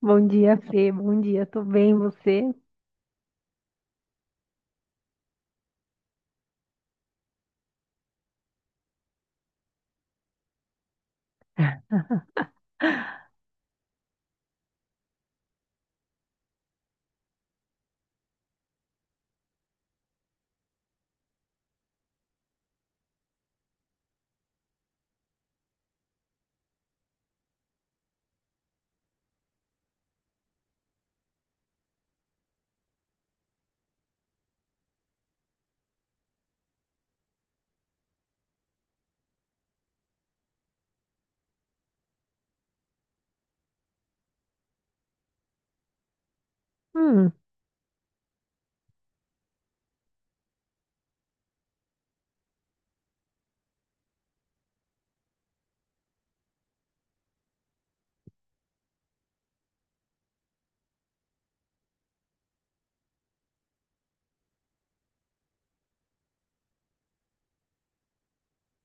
Bom dia, Fê. Bom dia, tô bem, você? Hum,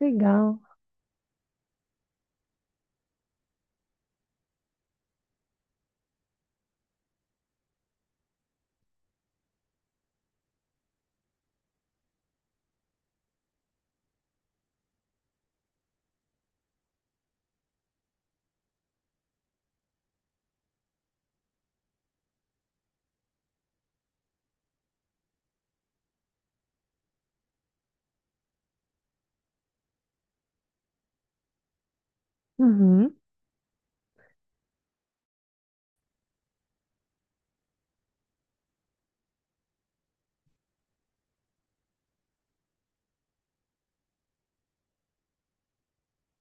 legal. Uhum,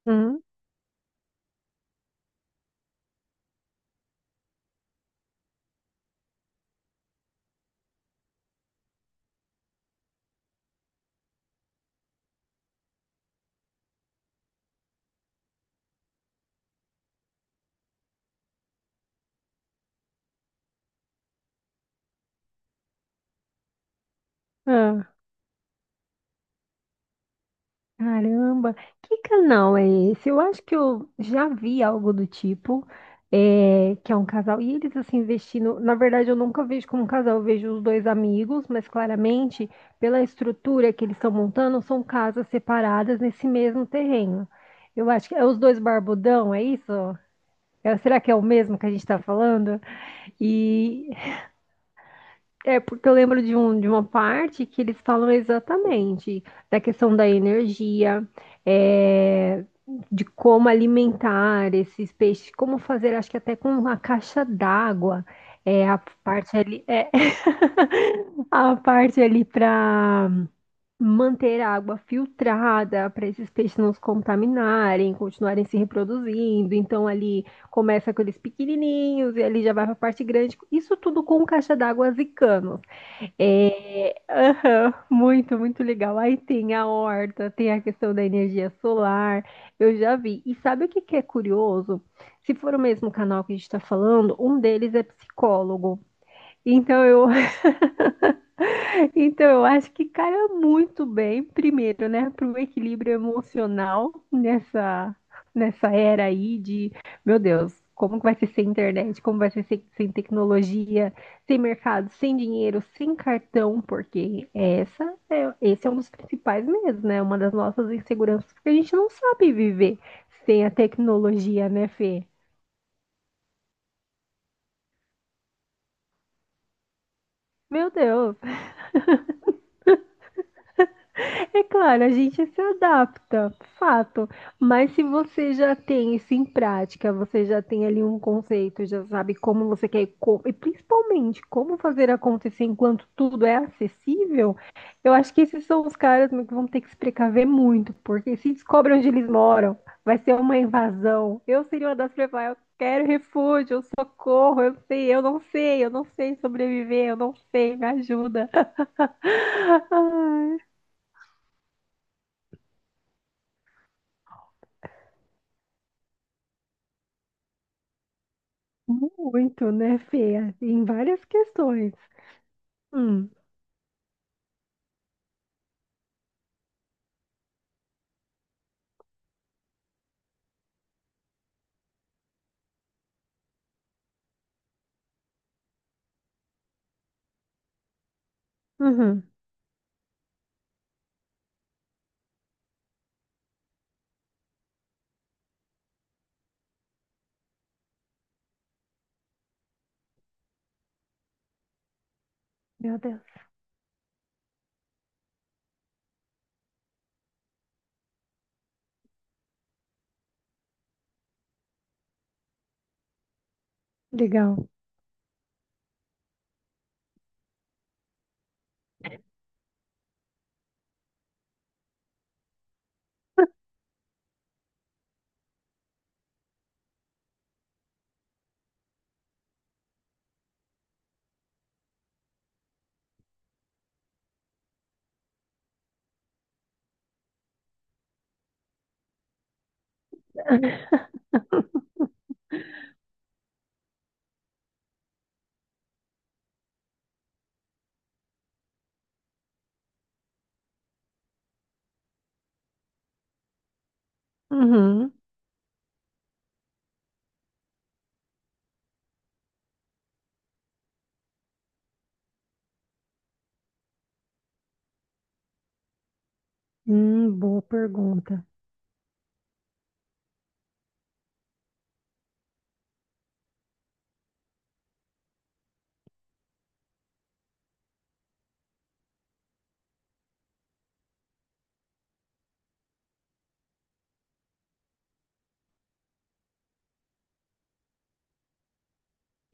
hum, ah, caramba, que canal é esse? Eu acho que eu já vi algo do tipo, é, que é um casal, e eles assim vestindo. Na verdade, eu nunca vejo como um casal, eu vejo os dois amigos, mas claramente, pela estrutura que eles estão montando, são casas separadas nesse mesmo terreno. Eu acho que é os dois barbudão, é isso? Será que é o mesmo que a gente está falando? E É, porque eu lembro de, um, de uma parte que eles falam exatamente da questão da energia, é, de como alimentar esses peixes, como fazer, acho que até com uma caixa d'água, é, a parte ali, é, a parte ali para manter a água filtrada, para esses peixes não se contaminarem, continuarem se reproduzindo. Então ali começa com eles pequenininhos e ali já vai para a parte grande. Isso tudo com caixa d'água e canos. É, aham, muito, muito legal. Aí tem a horta, tem a questão da energia solar, eu já vi. E sabe o que que é curioso? Se for o mesmo canal que a gente está falando, um deles é psicólogo. Então eu Então, eu acho que calha muito bem, primeiro, né, para o equilíbrio emocional nessa, nessa era aí de, meu Deus, como que vai ser sem internet, como vai ser sem, sem tecnologia, sem mercado, sem dinheiro, sem cartão, porque essa é, esse é um dos principais medos, né, uma das nossas inseguranças, porque a gente não sabe viver sem a tecnologia, né, Fê? Meu Deus. É claro, a gente se adapta, fato. Mas se você já tem isso em prática, você já tem ali um conceito, já sabe como você quer, e principalmente como fazer acontecer enquanto tudo é acessível, eu acho que esses são os caras que vão ter que se precaver muito, porque se descobre onde eles moram, vai ser uma invasão. Eu seria uma das que primeiras, eu quero refúgio, eu socorro, eu sei, eu não sei, eu não sei sobreviver, eu não sei, me ajuda. Muito, né, Fê? Assim, em várias questões. Hum, uhum. Meu Deus. Legal. Uhum. Boa pergunta.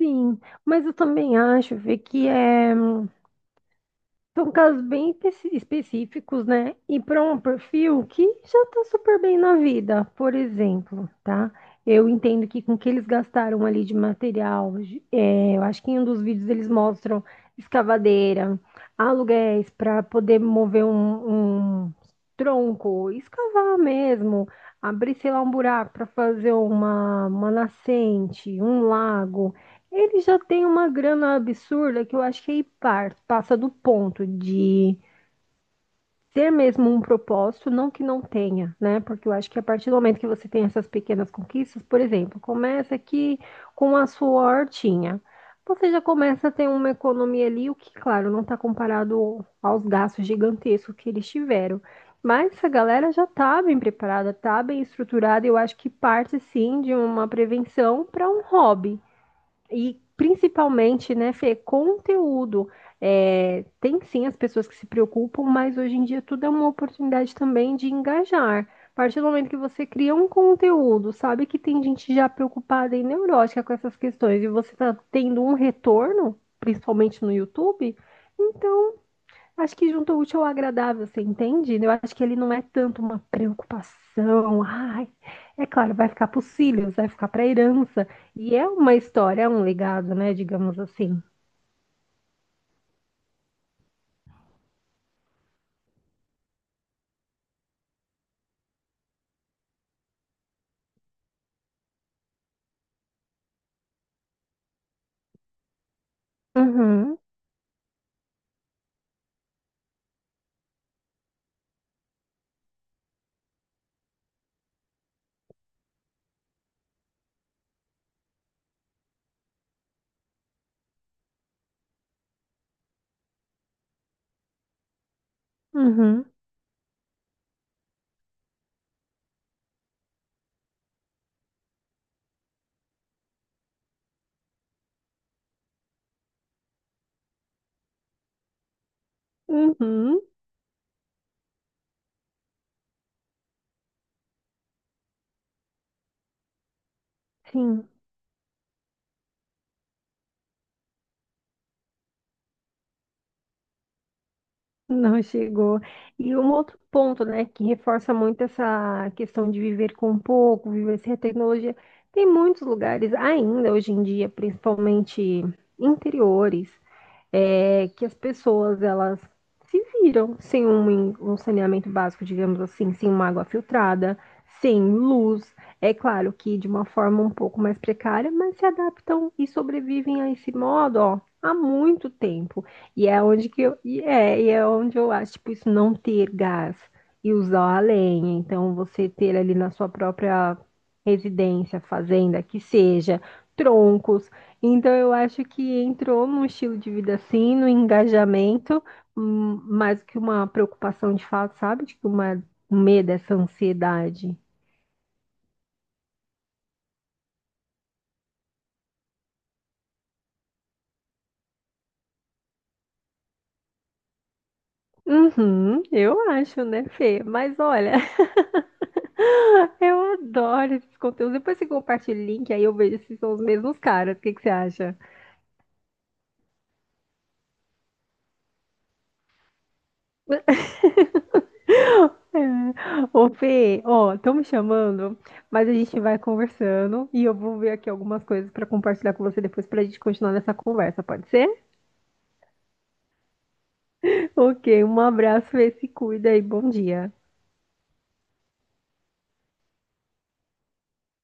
Sim, mas eu também acho, Fê, que é. São casos bem específicos, né? E para um perfil que já está super bem na vida, por exemplo, tá? Eu entendo que com o que eles gastaram ali de material, é, eu acho que em um dos vídeos eles mostram escavadeira, aluguéis para poder mover um tronco, escavar mesmo, abrir, sei lá, um buraco para fazer uma nascente, um lago. Ele já tem uma grana absurda que eu acho que é passa do ponto de ter mesmo um propósito, não que não tenha, né? Porque eu acho que a partir do momento que você tem essas pequenas conquistas, por exemplo, começa aqui com a sua hortinha. Você já começa a ter uma economia ali, o que, claro, não está comparado aos gastos gigantescos que eles tiveram. Mas essa galera já está bem preparada, está bem estruturada. Eu acho que parte sim de uma prevenção para um hobby. E principalmente, né, Fê, conteúdo. É, tem sim as pessoas que se preocupam, mas hoje em dia tudo é uma oportunidade também de engajar. A partir do momento que você cria um conteúdo, sabe que tem gente já preocupada e neurótica com essas questões, e você está tendo um retorno, principalmente no YouTube, então acho que junto ao útil ao agradável, você entende? Eu acho que ele não é tanto uma preocupação. Ai, é claro, vai ficar para os filhos, vai ficar para a herança. E é uma história, é um legado, né? Digamos assim. Uhum, uhum, uhum. Sim, não chegou. E um outro ponto, né, que reforça muito essa questão de viver com pouco, viver sem a tecnologia. Tem muitos lugares ainda hoje em dia, principalmente interiores é que as pessoas elas se viram sem um saneamento básico, digamos assim, sem uma água filtrada, sem luz. É claro que de uma forma um pouco mais precária, mas se adaptam e sobrevivem a esse modo, ó, há muito tempo. E é onde que eu, e é onde eu acho, tipo, isso não ter gás e usar a lenha. Então, você ter ali na sua própria residência, fazenda, que seja, troncos então, eu acho que entrou num estilo de vida assim, no engajamento, mais que uma preocupação de fato, sabe? Tipo, uma, um medo, essa ansiedade. Uhum, eu acho, né, Fê? Mas olha, eu adoro esses conteúdos. Depois você compartilha o link, aí eu vejo se são os mesmos caras. O que que você acha? É. Ô, Fê, ó, estão me chamando, mas a gente vai conversando e eu vou ver aqui algumas coisas pra compartilhar com você depois pra gente continuar nessa conversa, pode ser? Ok, um abraço, e se cuida e bom dia.